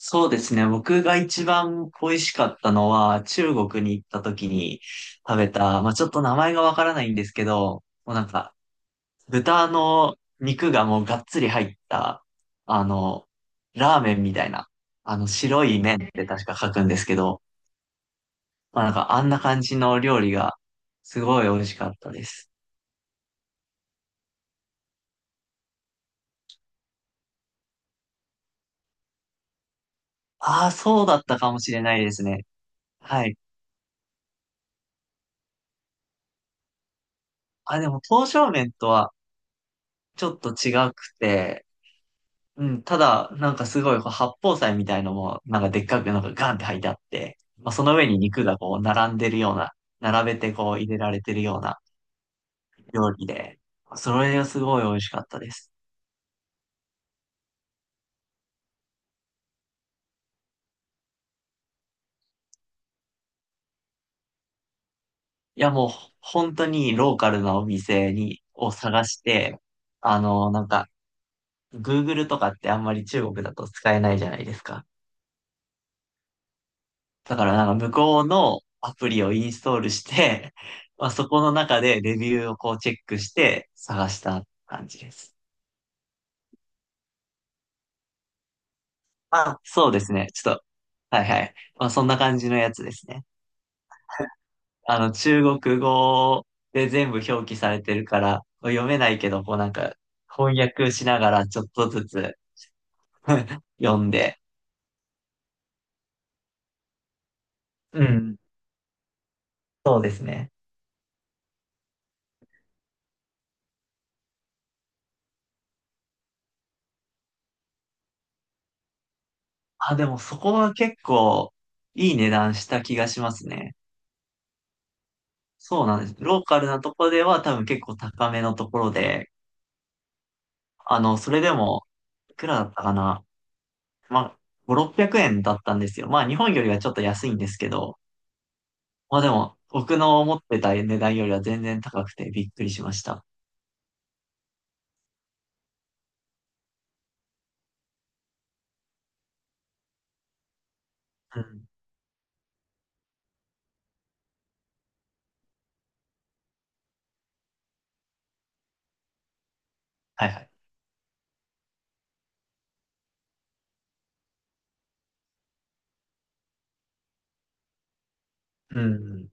そうですね。僕が一番恋しかったのは、中国に行った時に食べた、まあちょっと名前がわからないんですけど、もうなんか、豚の肉がもうがっつり入った、あの、ラーメンみたいな、白い麺って確か書くんですけど、まあなんかあんな感じの料理が、すごい美味しかったです。ああ、そうだったかもしれないですね。はい。あ、でも、刀削麺とはちょっと違くて、うん、ただ、なんかすごい、こう八宝菜みたいのも、なんかでっかくなんかガンって入ってあって、まあ、その上に肉がこう並んでるような、並べてこう入れられてるような料理で、それがすごい美味しかったです。いや、もう本当にローカルなお店に、を探して、なんか、Google とかってあんまり中国だと使えないじゃないですか。だからなんか向こうのアプリをインストールして、まあ、そこの中でレビューをこうチェックして探した感じです。あ、そうですね。ちょっと、はいはい。まあ、そんな感じのやつですね。あの、中国語で全部表記されてるから、読めないけど、こうなんか、翻訳しながらちょっとずつ 読んで。うん。そうですね。あ、でもそこは結構いい値段した気がしますね。そうなんです。ローカルなとこでは多分結構高めのところで、それでも、いくらだったかな。まあ、5、600円だったんですよ。まあ、日本よりはちょっと安いんですけど、まあでも、僕の思ってた値段よりは全然高くてびっくりしました。うん。はいはい。うん。い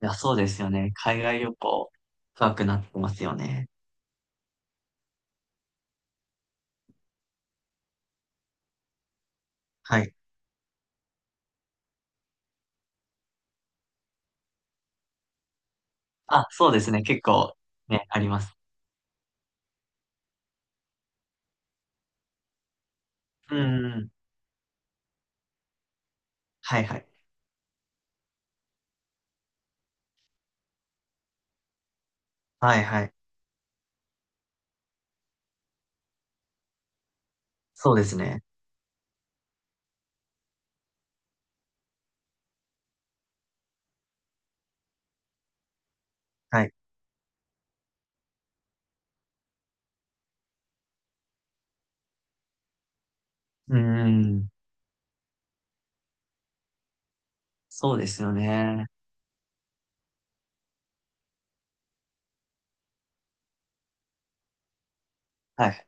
や、そうですよね。海外旅行、高くなってますよね。はい。あ、そうですね。結構、ね、あります。うん。はいはい。はいはい。そうですね。はい。うん。そうですよね。はい。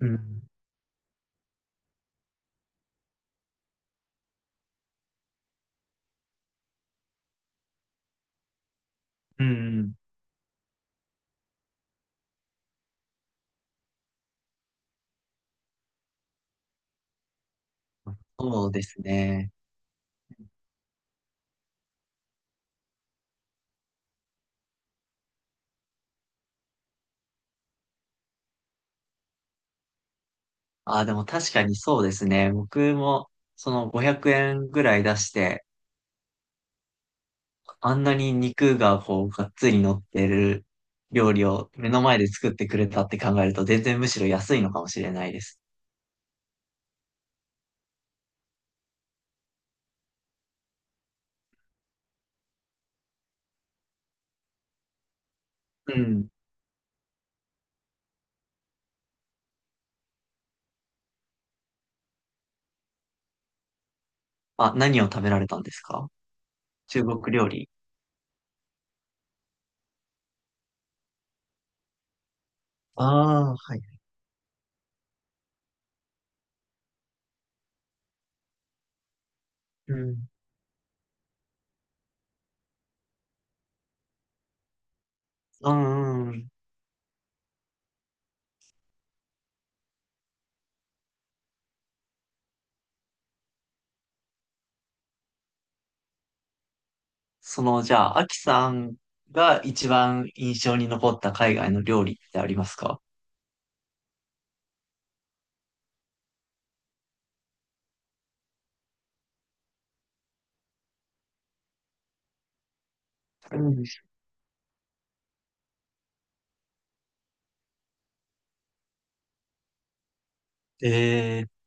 うん。うん。そうですね。あ、でも確かにそうですね。僕も、その500円ぐらい出して、あんなに肉がこう、がっつり乗ってる料理を目の前で作ってくれたって考えると、全然むしろ安いのかもしれないです。うん。あ、何を食べられたんですか？中国料理。ああ、はい。うん。うんうんうん。その、じゃあ、アキさんが一番印象に残った海外の料理ってありますか？うんえー、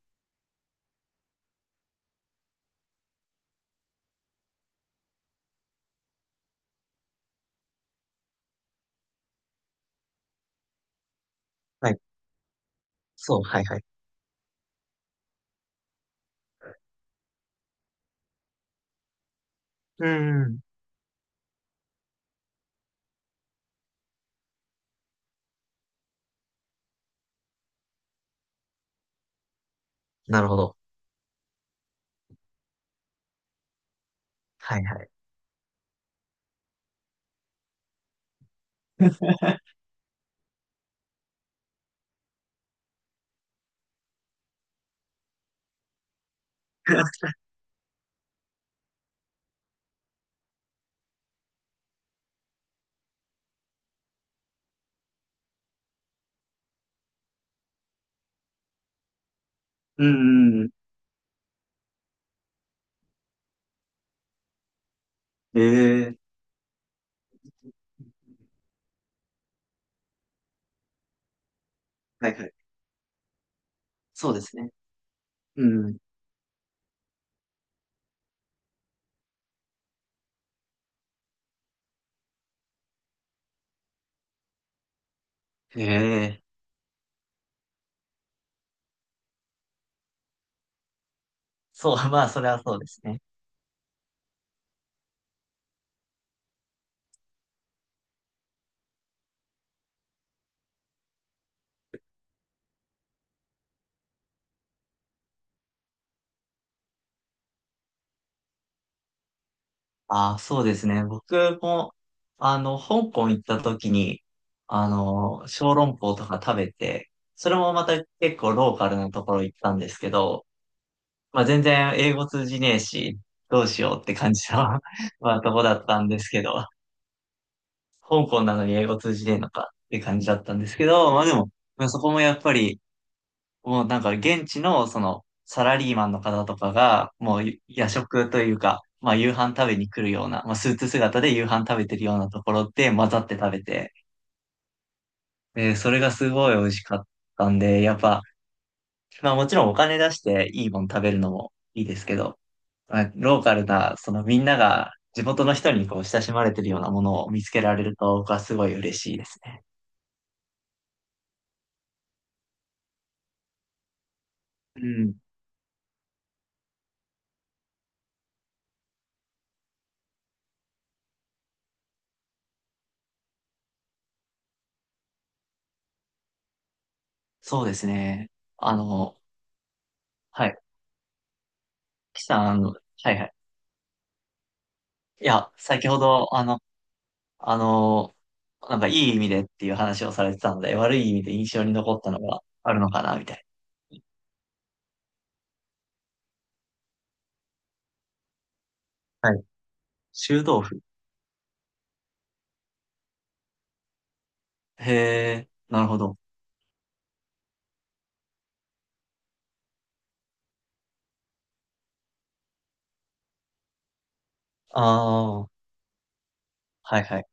はい。そう、はいはい。うんうん。なるほど。はいはい。うんうんうん。ええはいはい。そうですね。うん。ええそう、まあ、それはそうですね。ああ、そうですね。僕も、香港行った時に、小籠包とか食べて、それもまた結構ローカルなところ行ったんですけど、まあ全然英語通じねえし、どうしようって感じの まあとこだったんですけど、香港なのに英語通じねえのかって感じだったんですけど、まあでも、まあそこもやっぱり、もうなんか現地のそのサラリーマンの方とかが、もう夜食というか、まあ夕飯食べに来るような、まあスーツ姿で夕飯食べてるようなところで混ざって食べて、で、それがすごい美味しかったんで、やっぱ、まあもちろんお金出していいもん食べるのもいいですけど、まあ、ローカルな、そのみんなが地元の人にこう親しまれてるようなものを見つけられると僕はすごい嬉しいですね。うん。そうですね。あの、はい。キさん、はいはい。いや、先ほど、あの、なんかいい意味でっていう話をされてたんで、悪い意味で印象に残ったのがあるのかな、みたいな。はい。臭豆腐。へえ、なるほど。ああ、はいはい。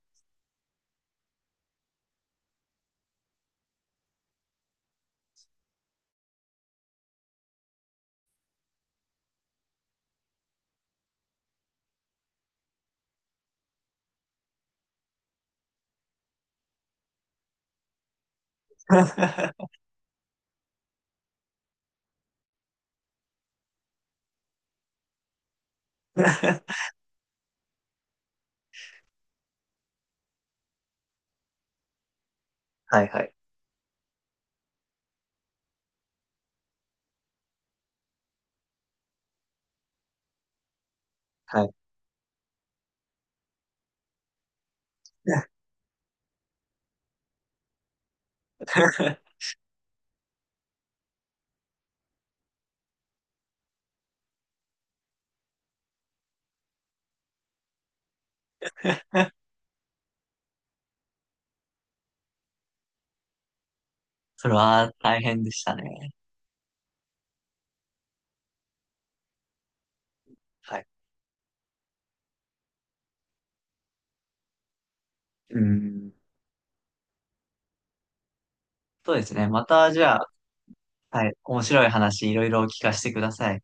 はいはい。はい。それは大変でしたね。はい。うん。そうですね。また、じゃあ、はい。面白い話いろいろ聞かせてください。